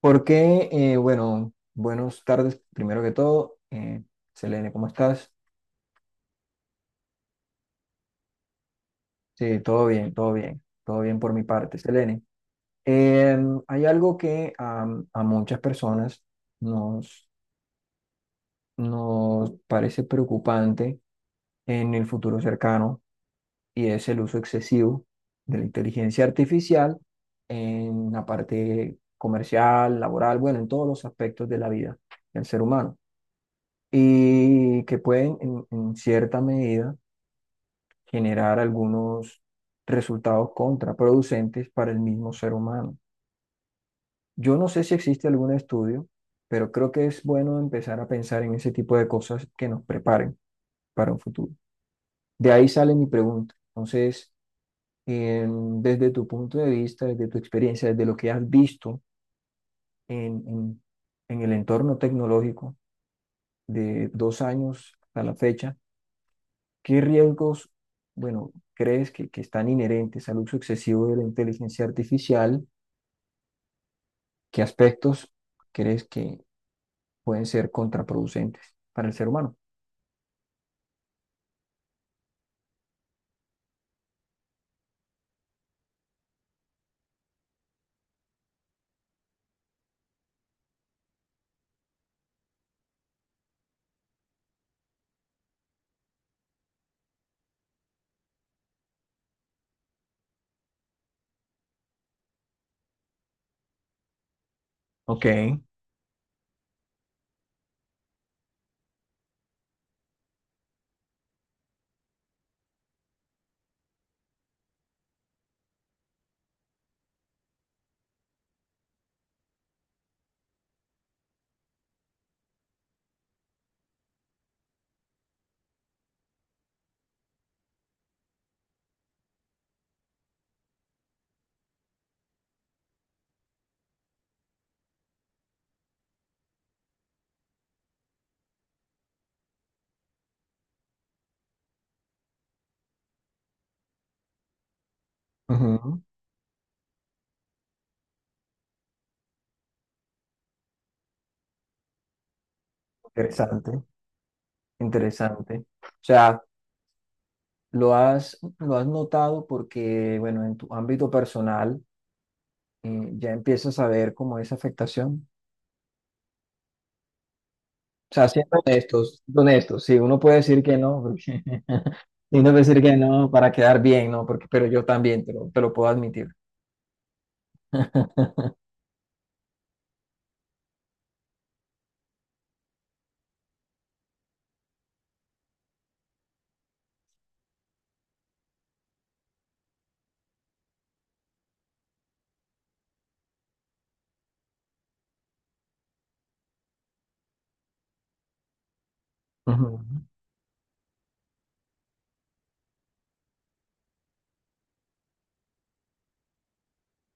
Bueno, buenas tardes, primero que todo. Selene, ¿cómo estás? Sí, todo bien, todo bien, todo bien por mi parte, Selene. Hay algo que muchas personas nos, nos parece preocupante en el futuro cercano, y es el uso excesivo de la inteligencia artificial en la parte comercial, laboral, bueno, en todos los aspectos de la vida del ser humano, y que pueden en cierta medida generar algunos resultados contraproducentes para el mismo ser humano. Yo no sé si existe algún estudio, pero creo que es bueno empezar a pensar en ese tipo de cosas que nos preparen para un futuro. De ahí sale mi pregunta. Entonces, desde tu punto de vista, desde tu experiencia, desde lo que has visto en, en en el entorno tecnológico de 2 años a la fecha, ¿qué riesgos, bueno, crees que, están inherentes al uso excesivo de la inteligencia artificial? ¿Qué aspectos crees que pueden ser contraproducentes para el ser humano? Ok. Ujú. Interesante, interesante. O sea, lo has notado porque, bueno, en tu ámbito personal, ya empiezas a ver como esa afectación. O sea, siendo honestos, sí, uno puede decir que no, porque y uno puede decir que no para quedar bien, ¿no? Porque, pero yo también te lo puedo admitir. Ujú.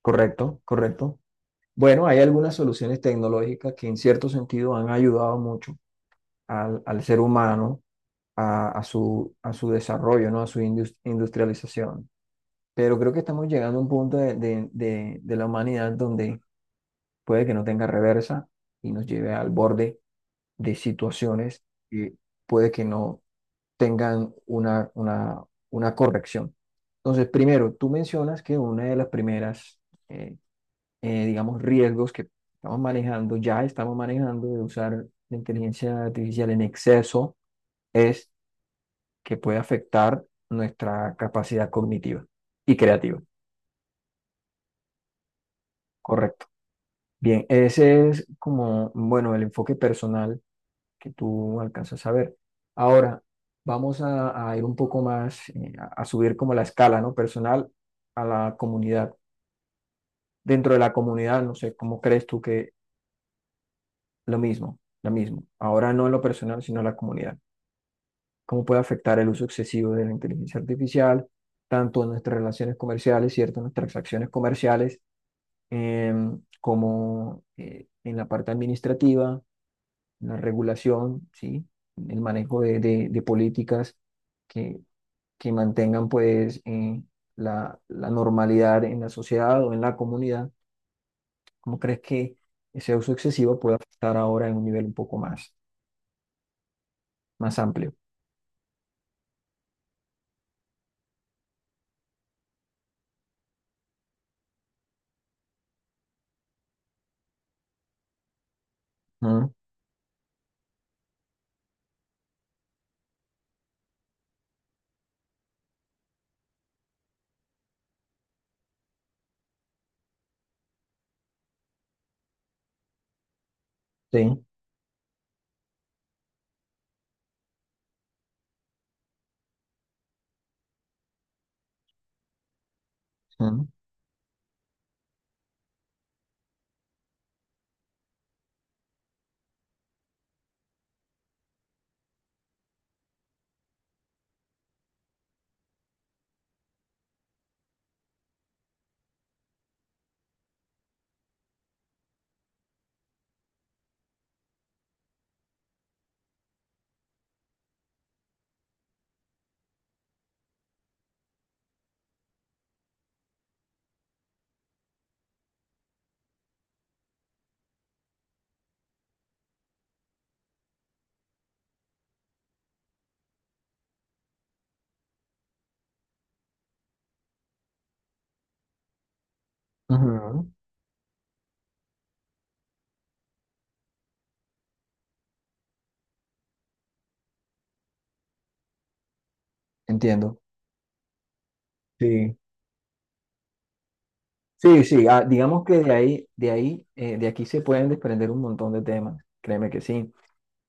Correcto, correcto. Bueno, hay algunas soluciones tecnológicas que en cierto sentido han ayudado mucho al, al ser humano, a su desarrollo, ¿no? A su industrialización. Pero creo que estamos llegando a un punto de, de la humanidad donde puede que no tenga reversa y nos lleve al borde de situaciones que puede que no tengan una corrección. Entonces, primero, tú mencionas que una de las primeras, eh, digamos, riesgos que estamos manejando, ya estamos manejando de usar la inteligencia artificial en exceso, es que puede afectar nuestra capacidad cognitiva y creativa. Correcto. Bien, ese es como, bueno, el enfoque personal que tú alcanzas a ver. Ahora, vamos a ir un poco más, a subir como la escala, ¿no? Personal a la comunidad. Dentro de la comunidad, no sé, ¿cómo crees tú que lo mismo, lo mismo? Ahora no en lo personal, sino en la comunidad. ¿Cómo puede afectar el uso excesivo de la inteligencia artificial, tanto en nuestras relaciones comerciales, cierto? En nuestras transacciones comerciales, como en la parte administrativa, en la regulación, ¿sí? En el manejo de de políticas que mantengan pues la, la normalidad en la sociedad o en la comunidad? ¿Cómo crees que ese uso excesivo puede afectar ahora en un nivel un poco más, más amplio? ¿Mm? Sí. ¿Mm? Ujú. Entiendo. Sí. Sí, sí, ah, digamos que de ahí, de ahí, de aquí se pueden desprender un montón de temas, créeme que sí.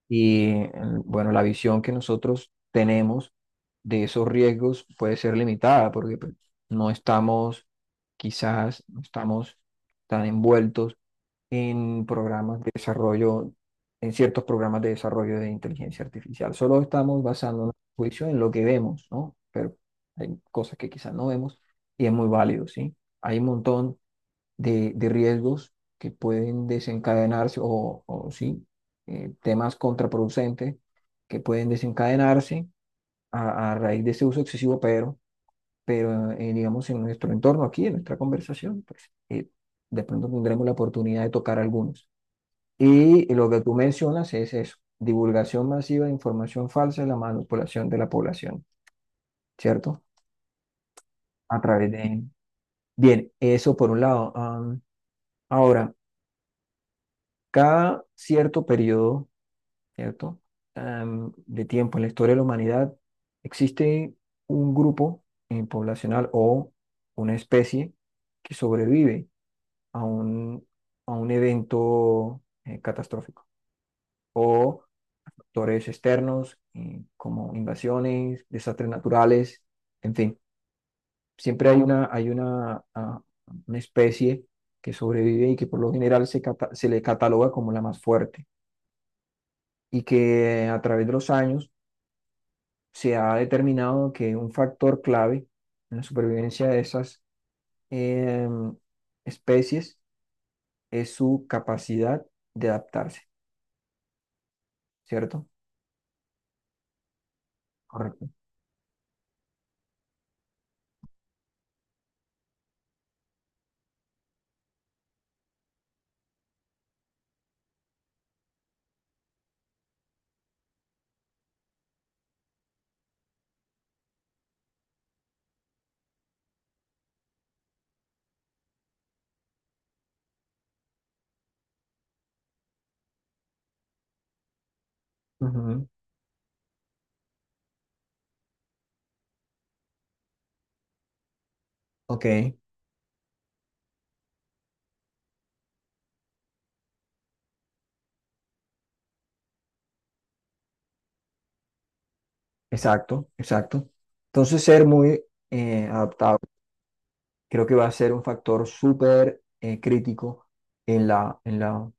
Y bueno, la visión que nosotros tenemos de esos riesgos puede ser limitada porque pues, no estamos, quizás no estamos tan envueltos en programas de desarrollo, en ciertos programas de desarrollo de inteligencia artificial. Solo estamos basando nuestro juicio en lo que vemos, ¿no? Pero hay cosas que quizás no vemos, y es muy válido, ¿sí? Hay un montón de riesgos que pueden desencadenarse o sí, temas contraproducentes que pueden desencadenarse a raíz de ese uso excesivo, pero digamos en nuestro entorno aquí, en nuestra conversación, pues de pronto tendremos la oportunidad de tocar algunos. Y lo que tú mencionas es eso: divulgación masiva de información falsa y la manipulación de la población, ¿cierto? A través de... Bien, eso por un lado. Ahora, cada cierto periodo, ¿cierto? De tiempo en la historia de la humanidad, existe un grupo poblacional o una especie que sobrevive a un, a un evento catastrófico o factores externos como invasiones, desastres naturales, en fin, siempre hay una, ah, una especie que sobrevive y que por lo general se le cataloga como la más fuerte, y que a través de los años se ha determinado que un factor clave en la supervivencia de esas em, especies es su capacidad de adaptarse, ¿cierto? Correcto. Ujú. Ok, exacto, exacto. Entonces, ser muy adaptable creo que va a ser un factor súper crítico en la, en la,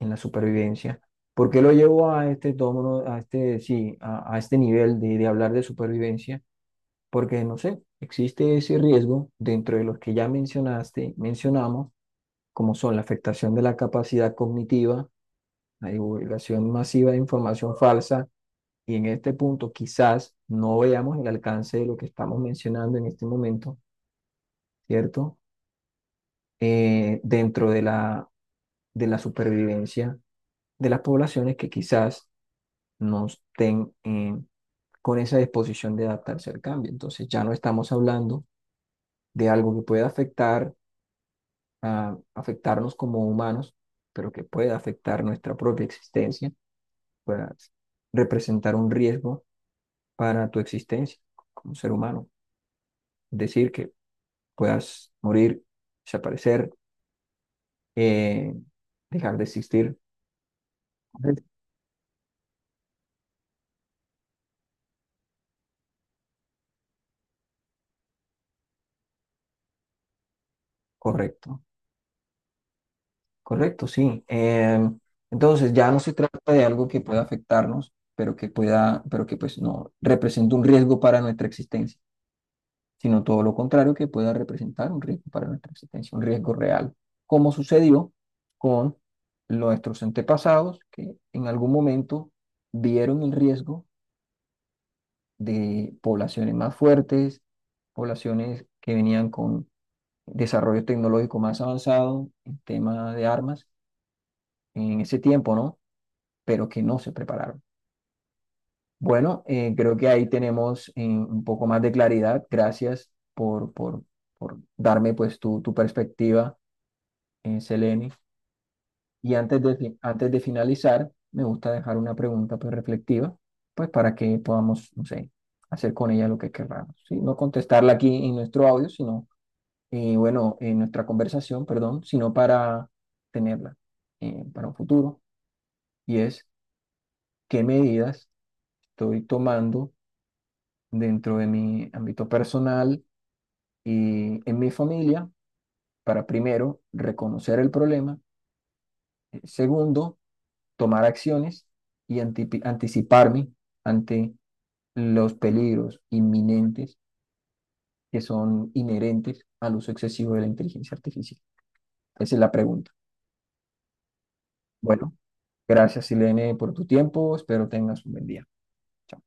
en la supervivencia. ¿Por qué lo llevo a este tono, a este, sí, a este nivel de hablar de supervivencia? Porque no sé, existe ese riesgo dentro de los que ya mencionaste, mencionamos, como son la afectación de la capacidad cognitiva, la divulgación masiva de información falsa, y en este punto quizás no veamos el alcance de lo que estamos mencionando en este momento, ¿cierto? Dentro de la supervivencia de las poblaciones que quizás no estén con esa disposición de adaptarse al cambio. Entonces ya no estamos hablando de algo que pueda afectar a afectarnos como humanos, pero que pueda afectar nuestra propia existencia, pueda representar un riesgo para tu existencia como ser humano. Es decir, que puedas morir, desaparecer, eh, dejar de existir. Correcto, correcto, sí. Entonces ya no se trata de algo que pueda afectarnos, pero que pueda, pero que pues no representa un riesgo para nuestra existencia, sino todo lo contrario, que pueda representar un riesgo para nuestra existencia, un riesgo real, como sucedió con nuestros antepasados, que en algún momento vieron el riesgo de poblaciones más fuertes, poblaciones que venían con desarrollo tecnológico más avanzado en tema de armas en ese tiempo, ¿no? Pero que no se prepararon. Bueno, creo que ahí tenemos un poco más de claridad. Gracias por darme pues tu perspectiva en Selenium. Y antes de, antes de finalizar, me gusta dejar una pregunta pues, reflexiva, pues para que podamos, no sé, hacer con ella lo que querramos, ¿sí? No contestarla aquí en nuestro audio, sino, bueno, en nuestra conversación, perdón, sino para tenerla para un futuro. Y es, ¿qué medidas estoy tomando dentro de mi ámbito personal y en mi familia para primero reconocer el problema? Segundo, tomar acciones y anticiparme ante los peligros inminentes que son inherentes al uso excesivo de la inteligencia artificial. Esa es la pregunta. Bueno, gracias, Silene, por tu tiempo. Espero tengas un buen día. Chao.